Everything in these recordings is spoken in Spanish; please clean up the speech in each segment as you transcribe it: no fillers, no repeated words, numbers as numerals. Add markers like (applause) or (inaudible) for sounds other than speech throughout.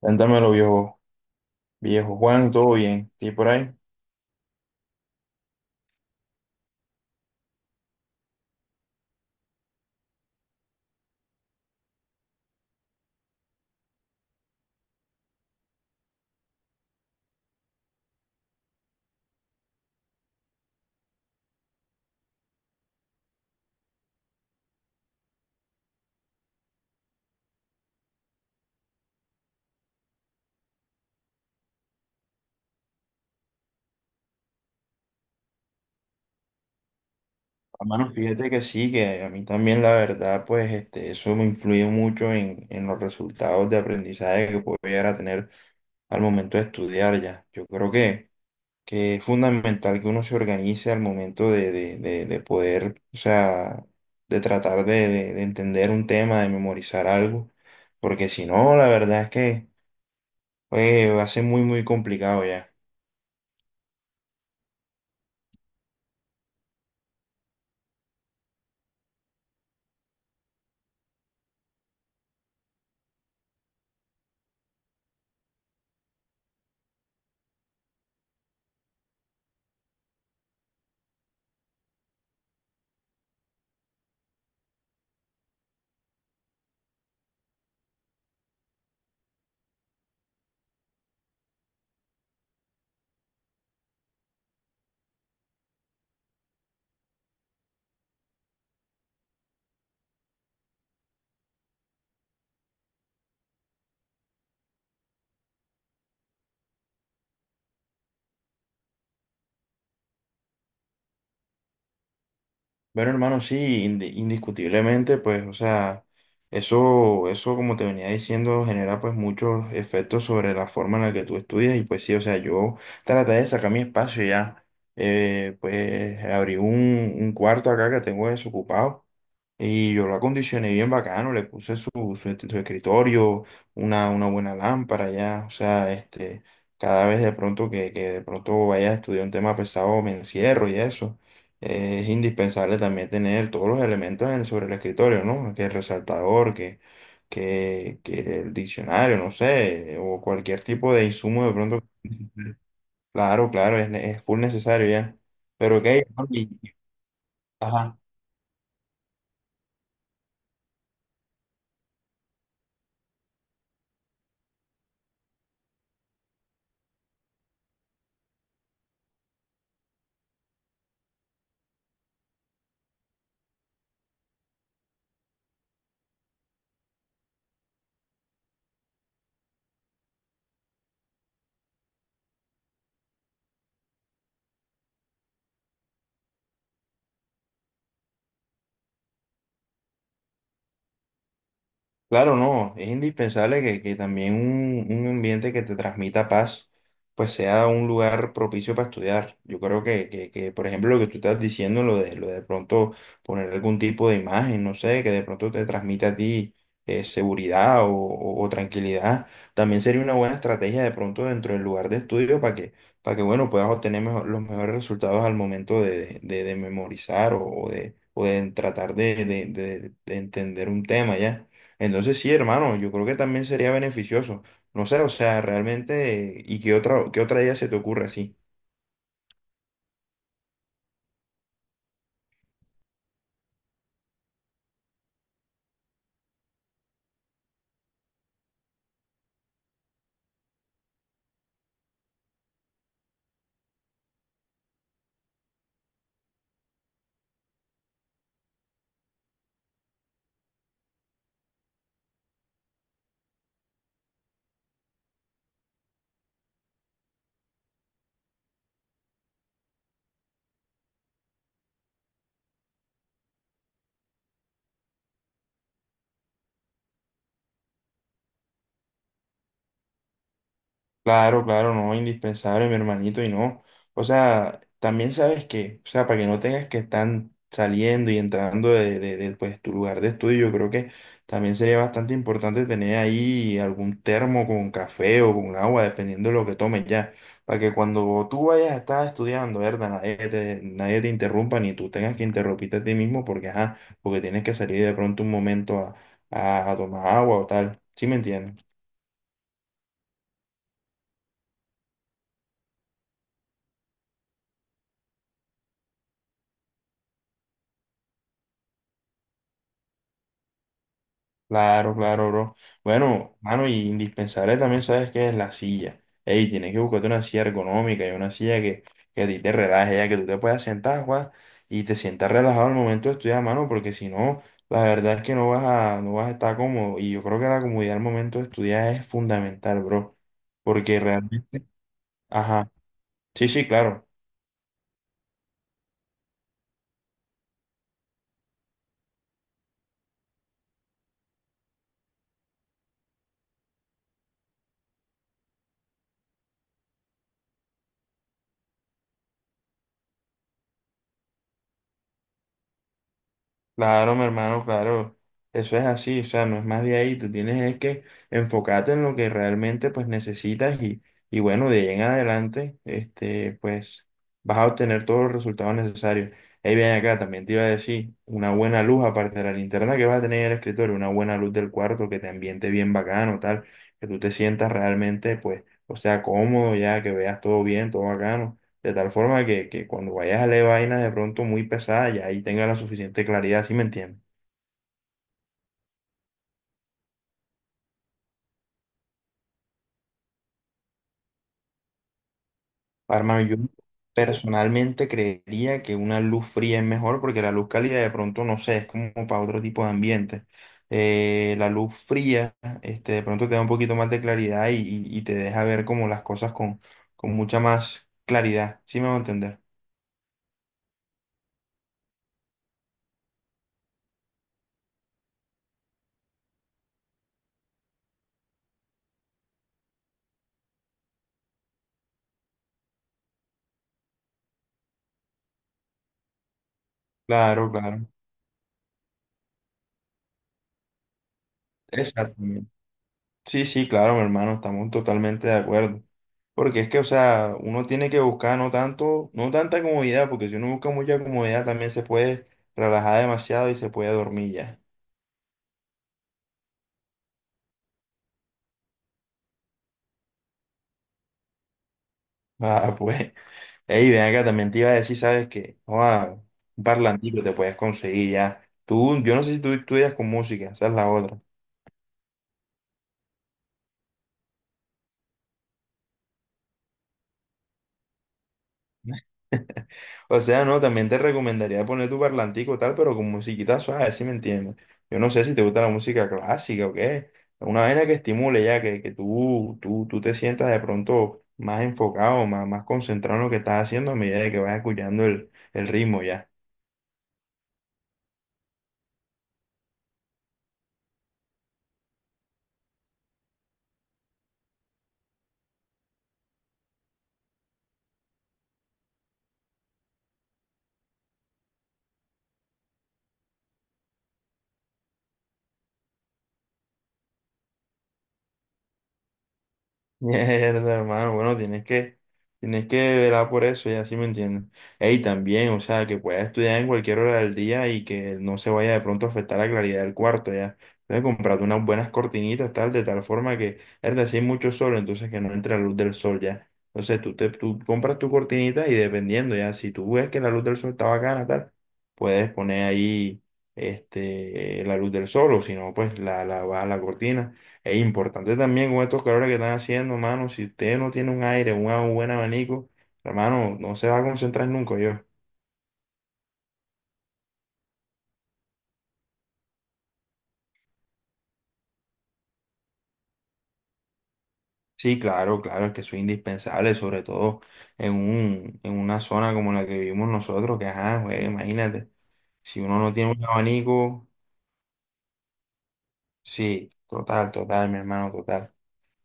Cuéntamelo, viejo, viejo Juan, todo bien, ¿qué hay por ahí? Hermano, fíjate que sí, que a mí también la verdad, pues este, eso me influye mucho en los resultados de aprendizaje que puedo llegar a tener al momento de estudiar ya. Yo creo que es fundamental que uno se organice al momento de poder, o sea, de tratar de entender un tema, de memorizar algo, porque si no, la verdad es que pues, va a ser muy, muy complicado ya. Bueno, hermano, sí, indiscutiblemente, pues, o sea, eso, como te venía diciendo, genera pues muchos efectos sobre la forma en la que tú estudias y pues sí, o sea, yo traté de sacar mi espacio ya, pues abrí un cuarto acá que tengo desocupado y yo lo acondicioné bien bacano, le puse su escritorio, una buena lámpara ya, o sea, este, cada vez de pronto que de pronto vaya a estudiar un tema pesado me encierro y eso es indispensable también tener todos los elementos sobre el escritorio, ¿no? Que el resaltador, que el diccionario, no sé, o cualquier tipo de insumo de pronto. Claro, claro, es, es full necesario ya. Pero ok, Jorge, y- ajá. Claro, no, es indispensable que también un ambiente que te transmita paz, pues sea un lugar propicio para estudiar. Yo creo que, por ejemplo, lo que tú estás diciendo, lo de pronto poner algún tipo de imagen, no sé, que de pronto te transmita a ti seguridad o tranquilidad, también sería una buena estrategia de pronto dentro del lugar de estudio para que bueno, puedas los mejores resultados al momento de memorizar o de tratar de entender un tema, ¿ya? Entonces sí, hermano, yo creo que también sería beneficioso. No sé, o sea, realmente, ¿y qué otra idea se te ocurre así? Claro, claro, no, indispensable, mi hermanito, y no. O sea, también sabes que, o sea, para que no tengas que estar saliendo y entrando pues, tu lugar de estudio, yo creo que también sería bastante importante tener ahí algún termo con café o con agua, dependiendo de lo que tomes ya, para que cuando tú vayas a estar estudiando, ¿verdad? Nadie te interrumpa, ni tú tengas que interrumpirte a ti mismo, porque, ajá, porque tienes que salir de pronto un momento a tomar agua o tal. ¿Sí me entiendes? Claro, claro, bro. Bueno, mano, y indispensable también, ¿sabes qué es la silla? Ey, tienes que buscarte una silla ergonómica y una silla que a ti te relaje, ya que tú te puedas sentar, Juan, y te sientas relajado al momento de estudiar, mano, porque si no, la verdad es que no vas a estar cómodo. Y yo creo que la comodidad al momento de estudiar es fundamental, bro. Porque realmente, ajá, sí, sí, claro. Claro, mi hermano, claro. Eso es así, o sea, no es más de ahí. Tú tienes es que enfocarte en lo que realmente pues necesitas y bueno, de ahí en adelante, este, pues vas a obtener todos los resultados necesarios. Ahí bien acá, también te iba a decir, una buena luz aparte de la linterna que vas a tener en el escritorio, una buena luz del cuarto que te ambiente bien bacano, tal, que tú te sientas realmente, pues, o sea, cómodo ya, que veas todo bien, todo bacano. De tal forma que cuando vayas a leer vainas de pronto muy pesadas, ya ahí tengas la suficiente claridad, ¿sí me entiendes? Ah, Hermano, yo personalmente creería que una luz fría es mejor porque la luz cálida de pronto, no sé, es como para otro tipo de ambiente. La luz fría, este, de pronto te da un poquito más de claridad y te deja ver como las cosas con mucha más claridad, ¿sí me va a entender? Claro, claro. Exacto. Sí, sí, claro, mi hermano, estamos totalmente de acuerdo. Porque es que, o sea, uno tiene que buscar no tanto, no tanta comodidad, porque si uno busca mucha comodidad también se puede relajar demasiado y se puede dormir ya. (laughs) Ah, pues, ey, ven acá, también te iba a decir, ¿sabes qué? Joa, un parlantico te puedes conseguir ya. Tú, yo no sé si tú estudias con música, esa es la otra. O sea, no, también te recomendaría poner tu parlantico y tal, pero con musiquita suave, si me entiendes. Yo no sé si te gusta la música clásica o qué. Una vaina que estimule ya, que tú te sientas de pronto más enfocado, más, más concentrado en lo que estás haciendo a medida de que vas escuchando el ritmo ya. (laughs) Mierda, hermano, bueno, tienes que velar por eso, ya sí me entiendes. Ey, también, o sea, que pueda estudiar en cualquier hora del día y que no se vaya de pronto a afectar la claridad del cuarto, ya. Entonces, comprarte unas buenas cortinitas, tal, de tal forma que, es decir, mucho sol, entonces que no entre la luz del sol, ya. Entonces, tú compras tu cortinita y dependiendo, ya, si tú ves que la luz del sol está bacana, tal, puedes poner ahí, este, la luz del sol, o si no, pues baja la cortina. Es importante también con estos calores que están haciendo, mano. Si usted no tiene un aire, un buen abanico, hermano, no se va a concentrar nunca yo. Sí, claro, claro, es que eso es indispensable, sobre todo en en una zona como la que vivimos nosotros, que ajá, güey, imagínate. Si uno no tiene un abanico, sí, total, total, mi hermano, total.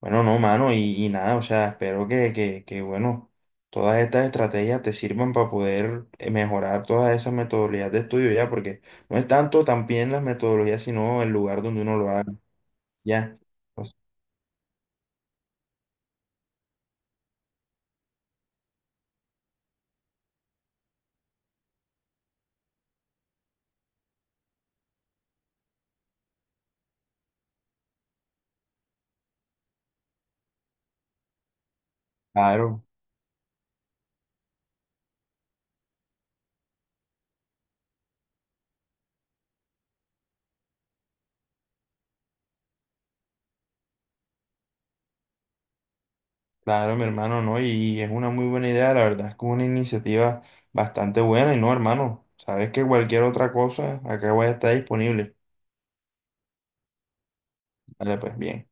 Bueno, no, mano, y nada, o sea, espero que, bueno, todas estas estrategias te sirvan para poder mejorar todas esas metodologías de estudio ya, porque no es tanto también las metodologías, sino el lugar donde uno lo haga, ya. Pues, claro, claro, mi hermano, no, y es una muy buena idea, la verdad es que es una iniciativa bastante buena, y no, hermano, sabes que cualquier otra cosa, acá voy a estar disponible. Vale, pues bien.